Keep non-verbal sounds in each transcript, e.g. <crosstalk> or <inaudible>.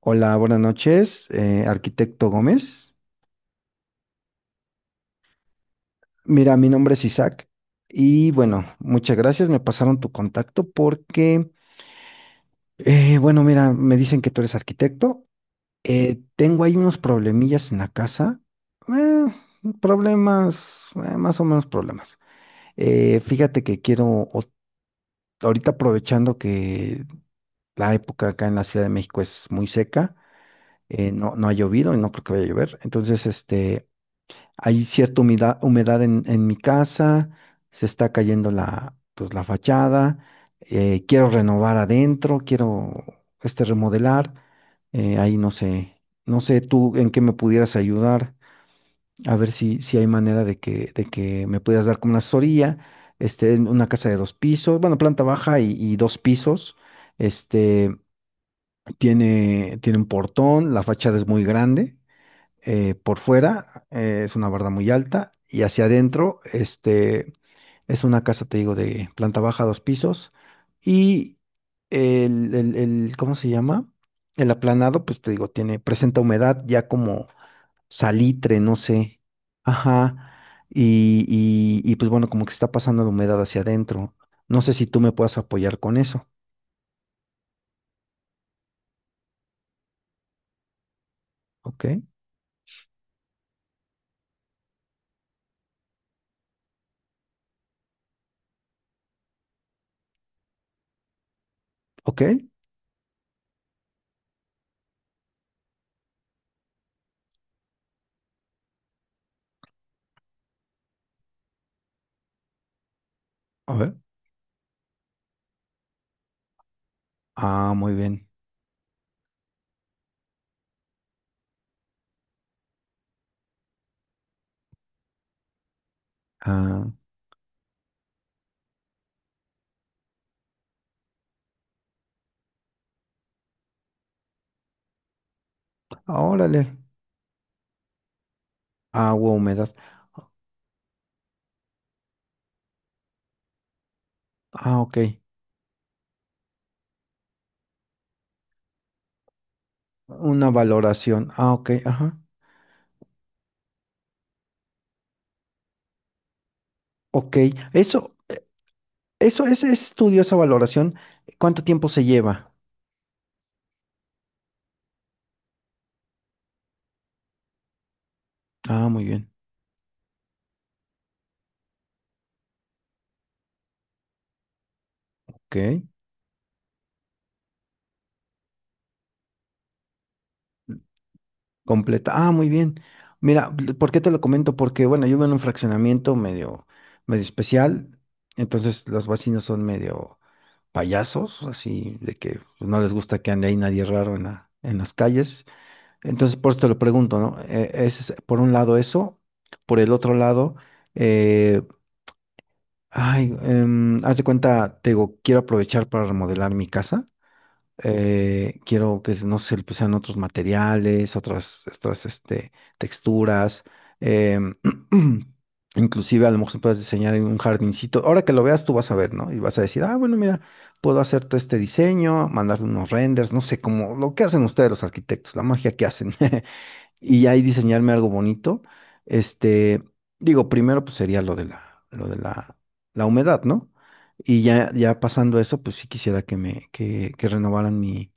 Hola, buenas noches, arquitecto Gómez. Mira, mi nombre es Isaac y bueno, muchas gracias. Me pasaron tu contacto porque, bueno, mira, me dicen que tú eres arquitecto. Tengo ahí unos problemillas en la casa. eh, Problemas, más o menos problemas. Fíjate que o- ahorita aprovechando que la época acá en la Ciudad de México es muy seca, no ha llovido y no creo que vaya a llover. Entonces, hay cierta humedad, humedad en mi casa, se está cayendo la fachada, quiero renovar adentro, quiero remodelar. Ahí no sé, no sé tú en qué me pudieras ayudar, a ver si hay manera de que me pudieras dar como una asesoría, este, en una casa de dos pisos, bueno, planta baja y dos pisos, este, tiene un portón, la fachada es muy grande. Por fuera es una barda muy alta y hacia adentro este, es una casa, te digo, de planta baja, dos pisos y ¿cómo se llama? El aplanado, pues te digo, tiene, presenta humedad ya como salitre, no sé. Ajá. Y pues bueno, como que está pasando la humedad hacia adentro. No sé si tú me puedas apoyar con eso. ¿Ok? ¿Ok? A ver. Ah, muy bien. Ah, ah, órale. Agua, humedad. Ah, ok. Una valoración. Ah, ok, ajá. Ok. Eso, eso, ese estudio, esa valoración, ¿cuánto tiempo se lleva? Ah, muy bien. Ok. Completa. Ah, muy bien. Mira, ¿por qué te lo comento? Porque, bueno, yo vivo en un fraccionamiento medio, medio especial. Entonces, los vecinos son medio payasos, así de que pues, no les gusta que ande ahí nadie raro en en las calles. Entonces, por eso te lo pregunto, ¿no? Es, por un lado eso, por el otro lado. eh, Ay, haz de cuenta, te digo, quiero aprovechar para remodelar mi casa. Quiero que, no sé, le pusieran otros materiales, este, texturas. em, <clears throat> Inclusive a lo mejor se puedes diseñar en un jardincito. Ahora que lo veas, tú vas a ver, ¿no? Y vas a decir, ah, bueno, mira, puedo hacer todo este diseño, mandarle unos renders, no sé, como lo que hacen ustedes los arquitectos, la magia que hacen. <laughs> Y ahí diseñarme algo bonito. Este, digo, primero pues sería lo de la humedad, ¿no? Y ya, ya pasando eso, pues sí quisiera que que renovaran mi,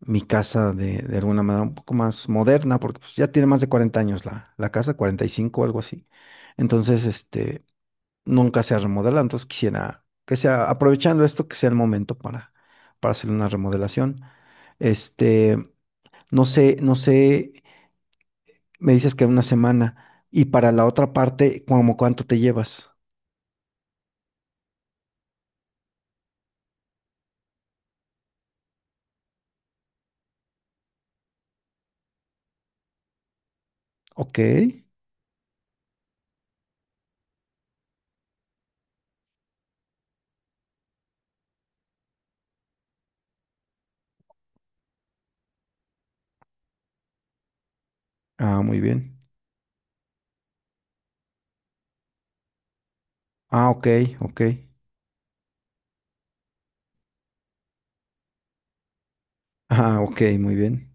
mi casa de alguna manera un poco más moderna, porque pues ya tiene más de 40 años la, la casa, 45 algo así. Entonces, este, nunca se ha remodelado, entonces quisiera que sea, aprovechando esto, que sea el momento para hacer una remodelación. Este, no sé, no sé, me dices que una semana. Y para la otra parte, ¿como cuánto te llevas? Ok. Ah, muy bien. Ah, ok, ok. <laughs> Ah, ok, muy bien.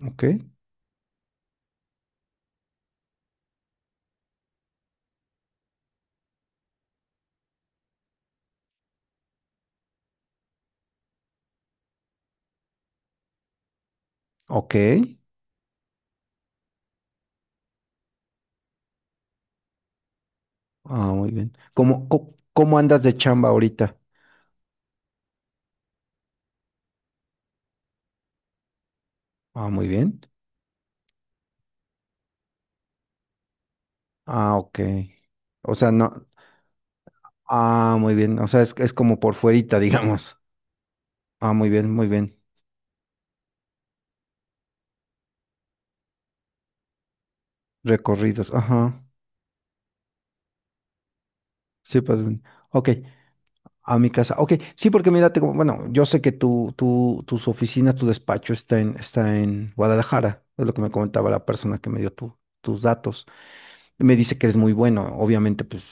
Ok, ok. Ah, muy bien. ¿ cómo andas de chamba ahorita? Ah, muy bien. Ah, ok. O sea, no. Ah, muy bien. O sea, es como por fuerita, <laughs> digamos. Ah, muy bien, muy bien. Recorridos. Ajá. Sí, pues. Ok. A mi casa. Ok, sí, porque mira, bueno, yo sé que tus oficinas, tu despacho está en, está en Guadalajara, es lo que me comentaba la persona que me dio tus datos. Me dice que eres muy bueno, obviamente, pues,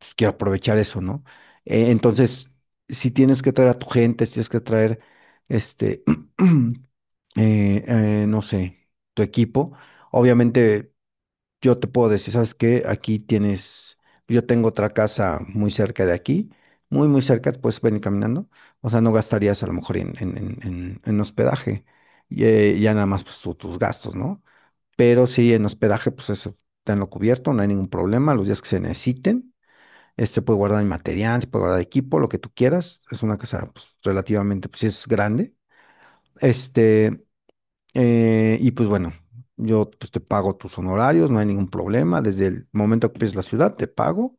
pues, quiero aprovechar eso, ¿no? Entonces, si tienes que traer a tu gente, si tienes que traer, este, <clears throat> no sé, tu equipo, obviamente yo te puedo decir, ¿sabes qué? Aquí tienes, yo tengo otra casa muy cerca de aquí, muy, muy cerca, puedes venir caminando. O sea, no gastarías a lo mejor en hospedaje, y ya nada más pues tus gastos, ¿no? Pero sí, en hospedaje, pues eso, tenlo cubierto, no hay ningún problema, los días que se necesiten. Este puede guardar el material, se puede guardar equipo, lo que tú quieras. Es una casa pues, relativamente, pues sí es grande. Este, y pues bueno, yo pues, te pago tus honorarios, no hay ningún problema. Desde el momento que pides la ciudad, te pago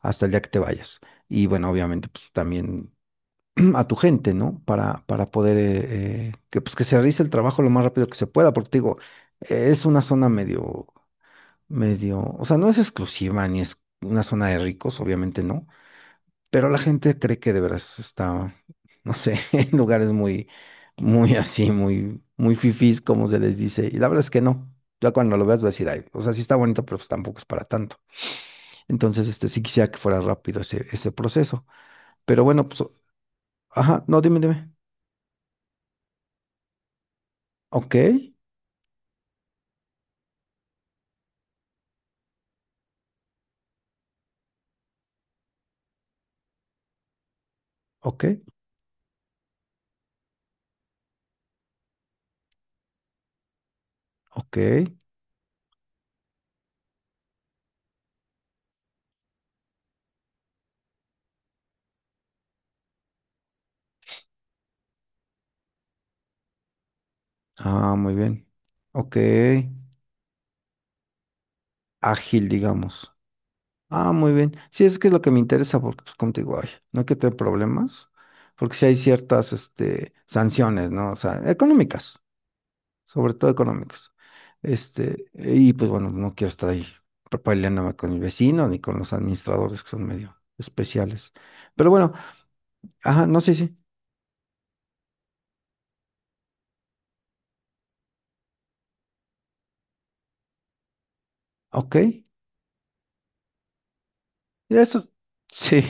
hasta el día que te vayas. Y bueno, obviamente, pues también <clears throat> a tu gente, ¿no? Para poder que, pues, que se realice el trabajo lo más rápido que se pueda, porque te digo, es una zona medio, medio, o sea, no es exclusiva ni es una zona de ricos, obviamente no, pero la gente cree que de veras está, no sé, <laughs> en lugares muy, muy así, muy, muy fifís, como se les dice. Y la verdad es que no. Ya cuando lo veas vas a decir, ay, o sea, sí está bonito, pero pues tampoco es para tanto. Entonces, este, sí quisiera que fuera rápido ese, ese proceso. Pero bueno, pues, o- ajá, no, dime, dime. Ok, ok, ok. Ah, muy bien. Ok. Ágil, digamos. Ah, muy bien. Sí, es que es lo que me interesa, porque pues como te digo, ay, no hay que tener problemas, porque sí hay ciertas, este, sanciones, ¿no? O sea, económicas, sobre todo económicas. Este, y pues bueno, no quiero estar ahí peleándome con mi vecino ni con los administradores que son medio especiales. Pero bueno, ajá, no sé si, ok, eso, sí, <laughs>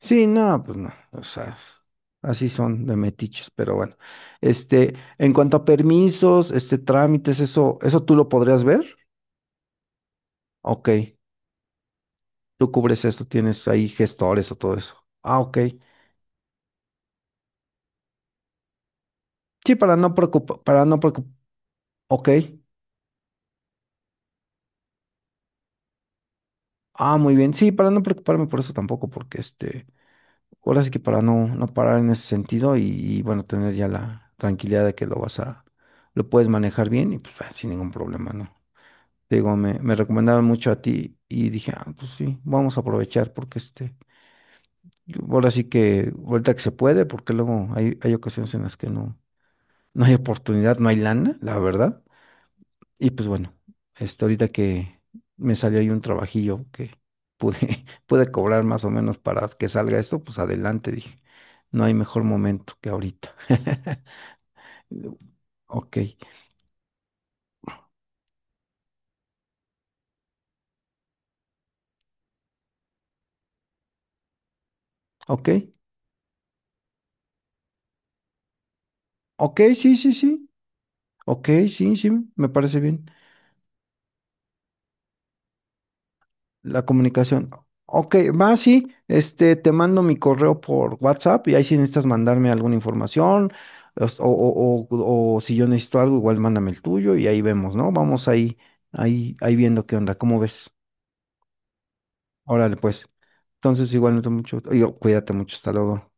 sí, no, pues no, o sea, así son de metiches, pero bueno. Este, en cuanto a permisos, este, trámites, eso, ¿eso tú lo podrías ver? Ok, tú cubres eso, tienes ahí gestores o todo eso. Ah, ok. Sí, para no preocupar, ok. Ah, muy bien, sí, para no preocuparme por eso tampoco, porque este, ahora sí que para no parar en ese sentido y, bueno, tener ya la tranquilidad de que lo puedes manejar bien y pues ah, sin ningún problema, ¿no? Te digo, me recomendaron mucho a ti y dije, ah, pues sí, vamos a aprovechar porque este, ahora sí que, ahorita que se puede, porque luego hay, hay ocasiones en las que no, no hay oportunidad, no hay lana, la verdad. Y pues bueno, este, ahorita que me salió ahí un trabajillo que pude, <laughs> pude cobrar más o menos para que salga esto, pues adelante, dije, no hay mejor momento que ahorita. <laughs> Ok, ok, ok, sí, sí, sí, ok, sí, sí, me parece bien. La comunicación. Ok, va, sí. Este, te mando mi correo por WhatsApp y ahí si necesitas mandarme alguna información o si yo necesito algo, igual mándame el tuyo y ahí vemos, ¿no? Vamos ahí viendo qué onda, ¿cómo ves? Órale, pues. Entonces, igual no te mucho. Yo, cuídate mucho, hasta luego.